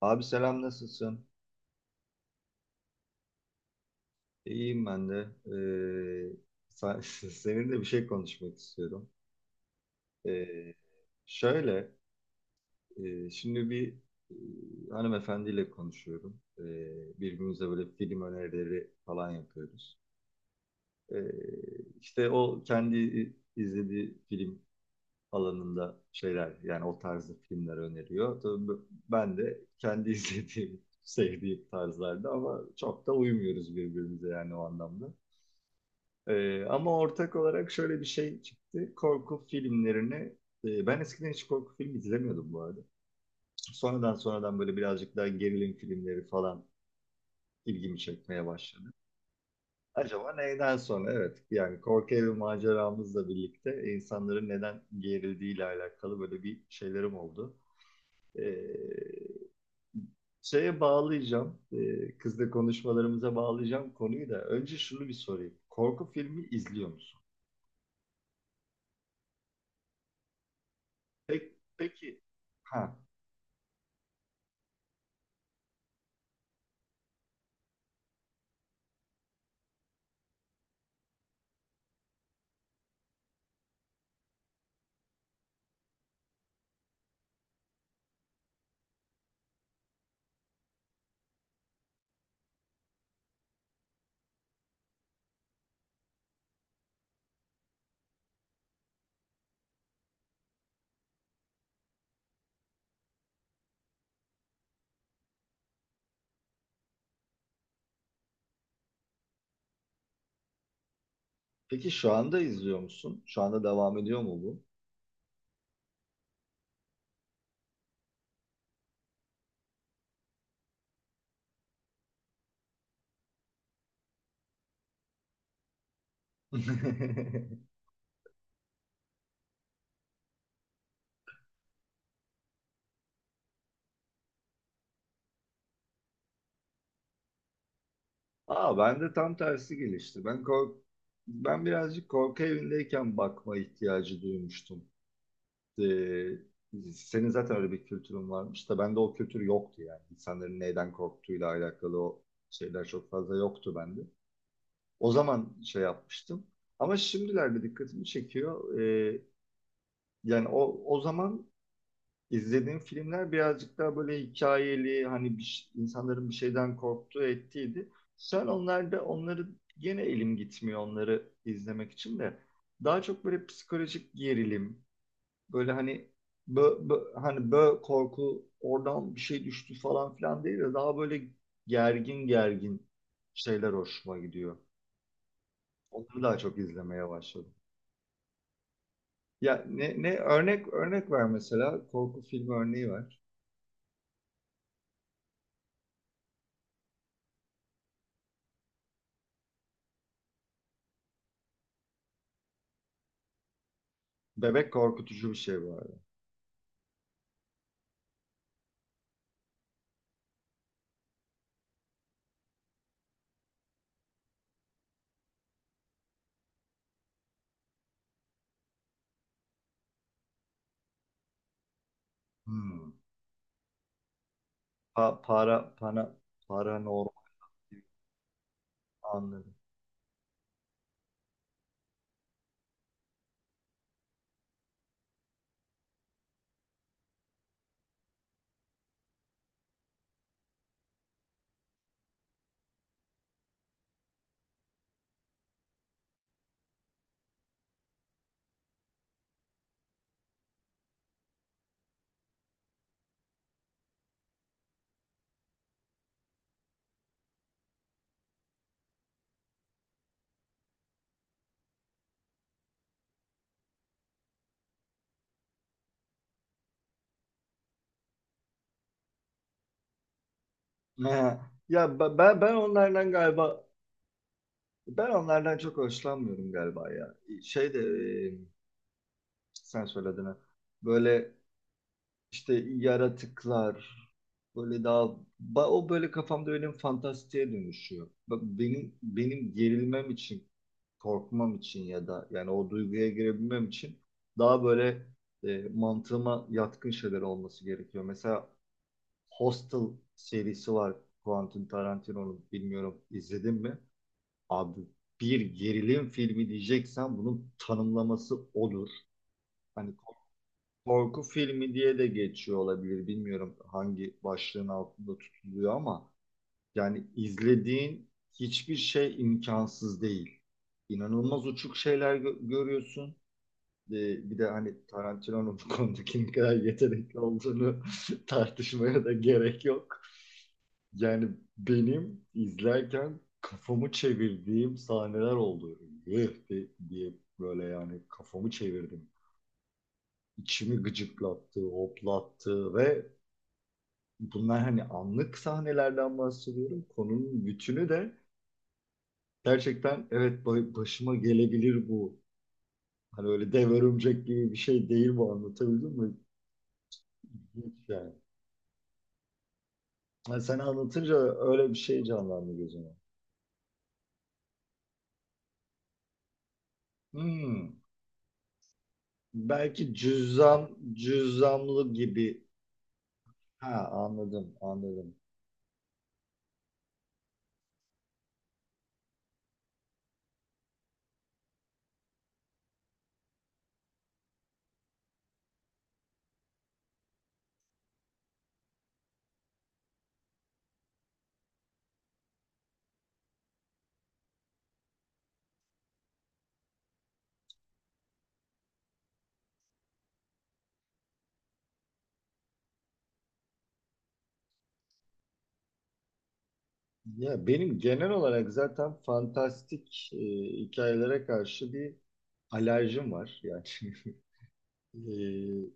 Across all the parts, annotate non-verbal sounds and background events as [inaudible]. Abi selam nasılsın? İyiyim ben de. Ee, sen- [laughs] seninle bir şey konuşmak istiyorum. Ee, şöyle, şimdi bir hanımefendiyle konuşuyorum. Birbirimize böyle film önerileri falan yapıyoruz. Ee, işte o kendi izlediği film alanında şeyler, yani o tarzda filmler öneriyor. Ben de kendi [laughs] izlediğim, sevdiğim tarzlarda ama çok da uymuyoruz birbirimize yani o anlamda. Ama ortak olarak şöyle bir şey çıktı. Korku filmlerini, ben eskiden hiç korku filmi izlemiyordum bu arada. Sonradan sonradan böyle birazcık daha gerilim filmleri falan ilgimi çekmeye başladı. Acaba neyden sonra? Evet, yani korku evi maceramızla birlikte insanların neden gerildiğiyle alakalı böyle bir şeylerim oldu. Ee, şeye bağlayacağım, kızla konuşmalarımıza bağlayacağım konuyu da. Önce şunu bir sorayım. Korku filmi izliyor musun? Peki, peki, ha. Peki şu anda izliyor musun? Şu anda devam ediyor mu bu? [laughs] Aa ben de tam tersi gelişti. Ben birazcık korku evindeyken bakma ihtiyacı duymuştum. Ee, senin zaten öyle bir kültürün varmış da bende o kültür yoktu yani. İnsanların neyden korktuğuyla alakalı o şeyler çok fazla yoktu bende. O zaman şey yapmıştım. Ama şimdilerde dikkatimi çekiyor. Yani o zaman İzlediğim filmler birazcık daha böyle hikayeli hani bir, insanların bir şeyden korktuğu ettiydi. Sen onlarda onları gene elim gitmiyor onları izlemek için de. Daha çok böyle psikolojik gerilim böyle hani bö, bö- hani bö korku oradan bir şey düştü falan filan değil de daha böyle gergin gergin şeyler hoşuma gidiyor. Onları daha çok izlemeye başladım. Ne örnek örnek ver, mesela korku filmi örneği ver. Bebek korkutucu bir şey bu arada. Hmm. Pa- para para paranormal gibi, anladım. He. Ya ben onlardan galiba ben onlardan çok hoşlanmıyorum galiba ya. Şey de e, sen söyledin ha. Böyle işte yaratıklar böyle daha o böyle kafamda benim fantastiğe dönüşüyor. Bak benim gerilmem için, korkmam için ya da yani o duyguya girebilmem için daha böyle mantığıma yatkın şeyler olması gerekiyor. Mesela Hostel serisi var Quentin Tarantino'nun. Bilmiyorum izledin mi? Abi bir gerilim filmi diyeceksen bunun tanımlaması odur. Hani korku filmi diye de geçiyor olabilir. Bilmiyorum hangi başlığın altında tutuluyor ama yani izlediğin hiçbir şey imkansız değil. İnanılmaz uçuk şeyler görüyorsun. Bir de hani Tarantino'nun bu konudaki ne kadar yetenekli olduğunu [laughs] tartışmaya da gerek yok. Yani benim izlerken kafamı çevirdiğim sahneler oldu. Diye böyle yani kafamı çevirdim. İçimi gıcıklattı, hoplattı ve bunlar hani anlık sahnelerden bahsediyorum. Konunun bütünü de gerçekten, evet, başıma gelebilir bu. Hani öyle dev örümcek gibi bir şey değil bu, anlatabildim mi? Hiç yani. Yani sen anlatınca öyle bir şey canlandı gözüme. Hmm. Belki cüzdanlı gibi. Ha, anladım, anladım. Ya benim genel olarak zaten fantastik hikayelere karşı bir alerjim var. Yani [laughs] e,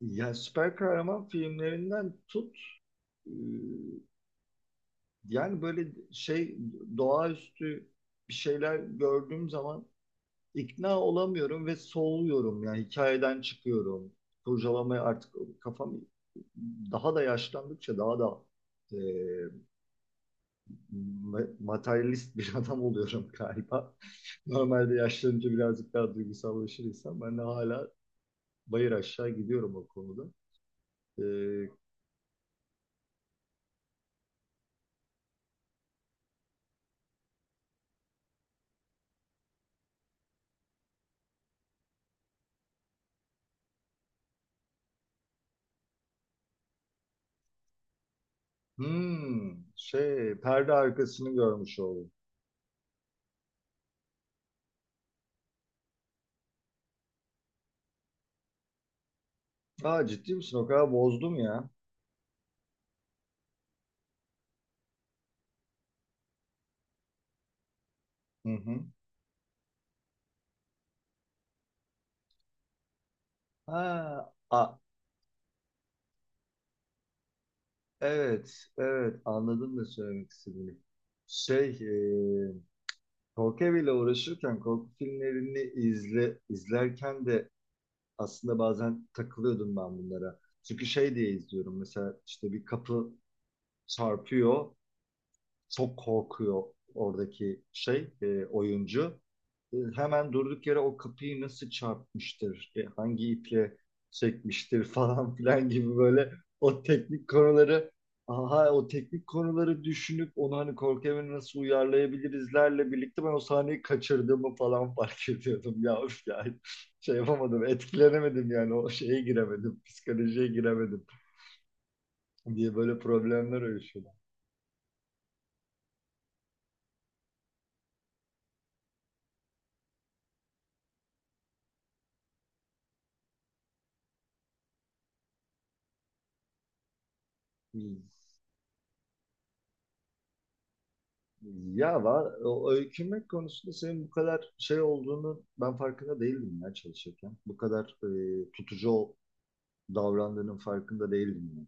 ya süper kahraman filmlerinden tut, e, yani böyle şey, doğaüstü bir şeyler gördüğüm zaman ikna olamıyorum ve soğuyorum. Yani hikayeden çıkıyorum. Kurcalamaya artık kafam daha da yaşlandıkça daha da e, materyalist bir [laughs] adam oluyorum galiba. Normalde yaşlanınca birazcık daha duygusallaşır insan. Ben de hala bayır aşağı gidiyorum o konuda. Ee, hmm, şey, perde arkasını görmüş oldum. Aa, ciddi misin? O kadar bozdum ya. Hı hı. Ha, a, evet, evet. Anladım da söylemek istediğini. Şey, e, Korku eviyle uğraşırken korku filmlerini izle, izlerken de aslında bazen takılıyordum ben bunlara. Çünkü şey diye izliyorum, mesela işte bir kapı çarpıyor, çok korkuyor oradaki oyuncu. Hemen durduk yere o kapıyı nasıl çarpmıştır, hangi iple çekmiştir [laughs] falan filan gibi böyle o teknik konuları aha o teknik konuları düşünüp onu hani korku evine nasıl uyarlayabilirizlerle birlikte ben o sahneyi kaçırdığımı falan fark [laughs] ediyordum ya, üf yani şey yapamadım, etkilenemedim yani, o şeye giremedim, psikolojiye giremedim diye böyle problemler oluşuyor. Ya var, o öykünmek konusunda senin bu kadar şey olduğunu ben farkında değildim ya çalışırken. Bu kadar e, tutucu ol- davrandığının farkında değildim ben.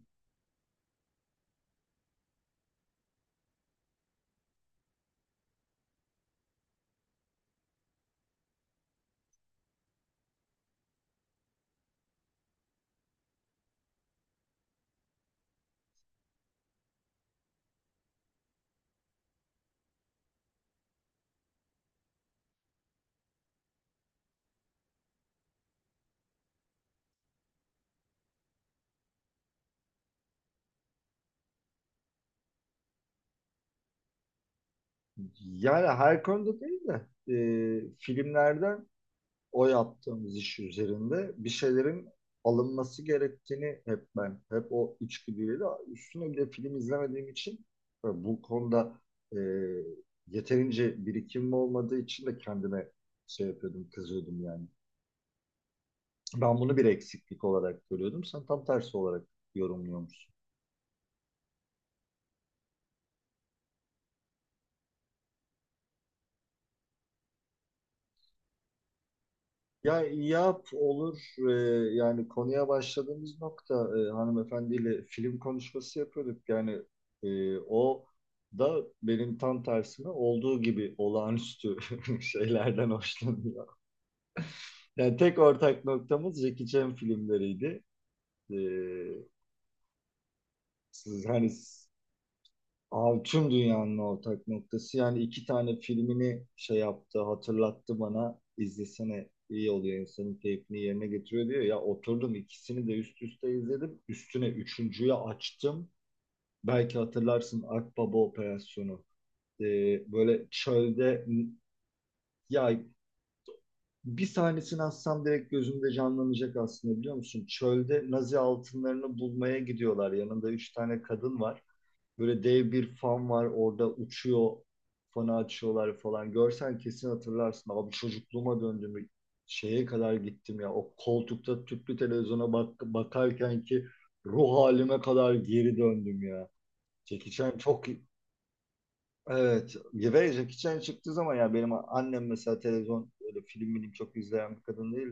Yani her konuda değil de filmlerden o yaptığımız iş üzerinde bir şeylerin alınması gerektiğini hep ben, hep o içgüdüyle de, üstüne bir de film izlemediğim için bu konuda e, yeterince birikimim olmadığı için de kendime şey yapıyordum, kızıyordum yani. Ben bunu bir eksiklik olarak görüyordum. Sen tam tersi olarak yorumluyormuşsun. Ya yap, olur. Ee, yani konuya başladığımız nokta, hanımefendiyle film konuşması yapıyorduk. Yani o da benim tam tersime olduğu gibi olağanüstü [laughs] şeylerden hoşlanıyor. Yani tek ortak noktamız Jackie Chan filmleriydi. Ee, siz hani Abi tüm dünyanın ortak noktası. Yani iki tane filmini şey yaptı, hatırlattı bana. İzlesene, iyi oluyor, insanın keyfini yerine getiriyor diyor. Ya oturdum ikisini de üst üste izledim. Üstüne üçüncüyü açtım. Belki hatırlarsın, Akbaba Operasyonu. Böyle çölde ya, bir sahnesini atsam direkt gözümde canlanacak aslında, biliyor musun? Çölde Nazi altınlarını bulmaya gidiyorlar. Yanında üç tane kadın var. Böyle dev bir fan var orada uçuyor. Fanı açıyorlar falan. Görsen kesin hatırlarsın. Abi çocukluğuma döndüm. Şeye kadar gittim ya. O koltukta tüplü televizyona bakarken ki ruh halime kadar geri döndüm ya. Jackie Chan çok, evet. Ve Jackie Chan çıktığı zaman ya, benim annem mesela televizyon öyle film bilim çok izleyen bir kadın değil.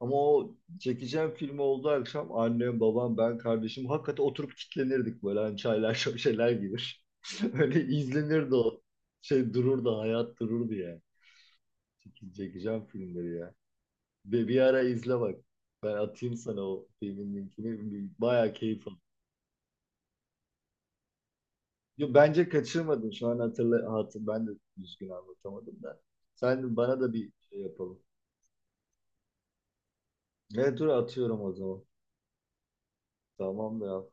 Ama o çekeceğim film olduğu akşam annem, babam, ben, kardeşim hakikaten oturup kitlenirdik böyle, hani çaylar şöşeler gibi. [laughs] Öyle izlenirdi o. Şey dururdu, hayat dururdu ya. Çekeceğim filmleri ya. Ve bir ara izle bak. Ben atayım sana o filmin linkini. Bayağı keyif aldım. Yo, bence kaçırmadın. Şu an ben de düzgün anlatamadım da. Sen bana da bir şey yapalım. Evet, dur atıyorum o zaman. Tamam da ya.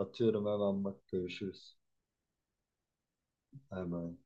Atıyorum hemen, bak görüşürüz. Hemen.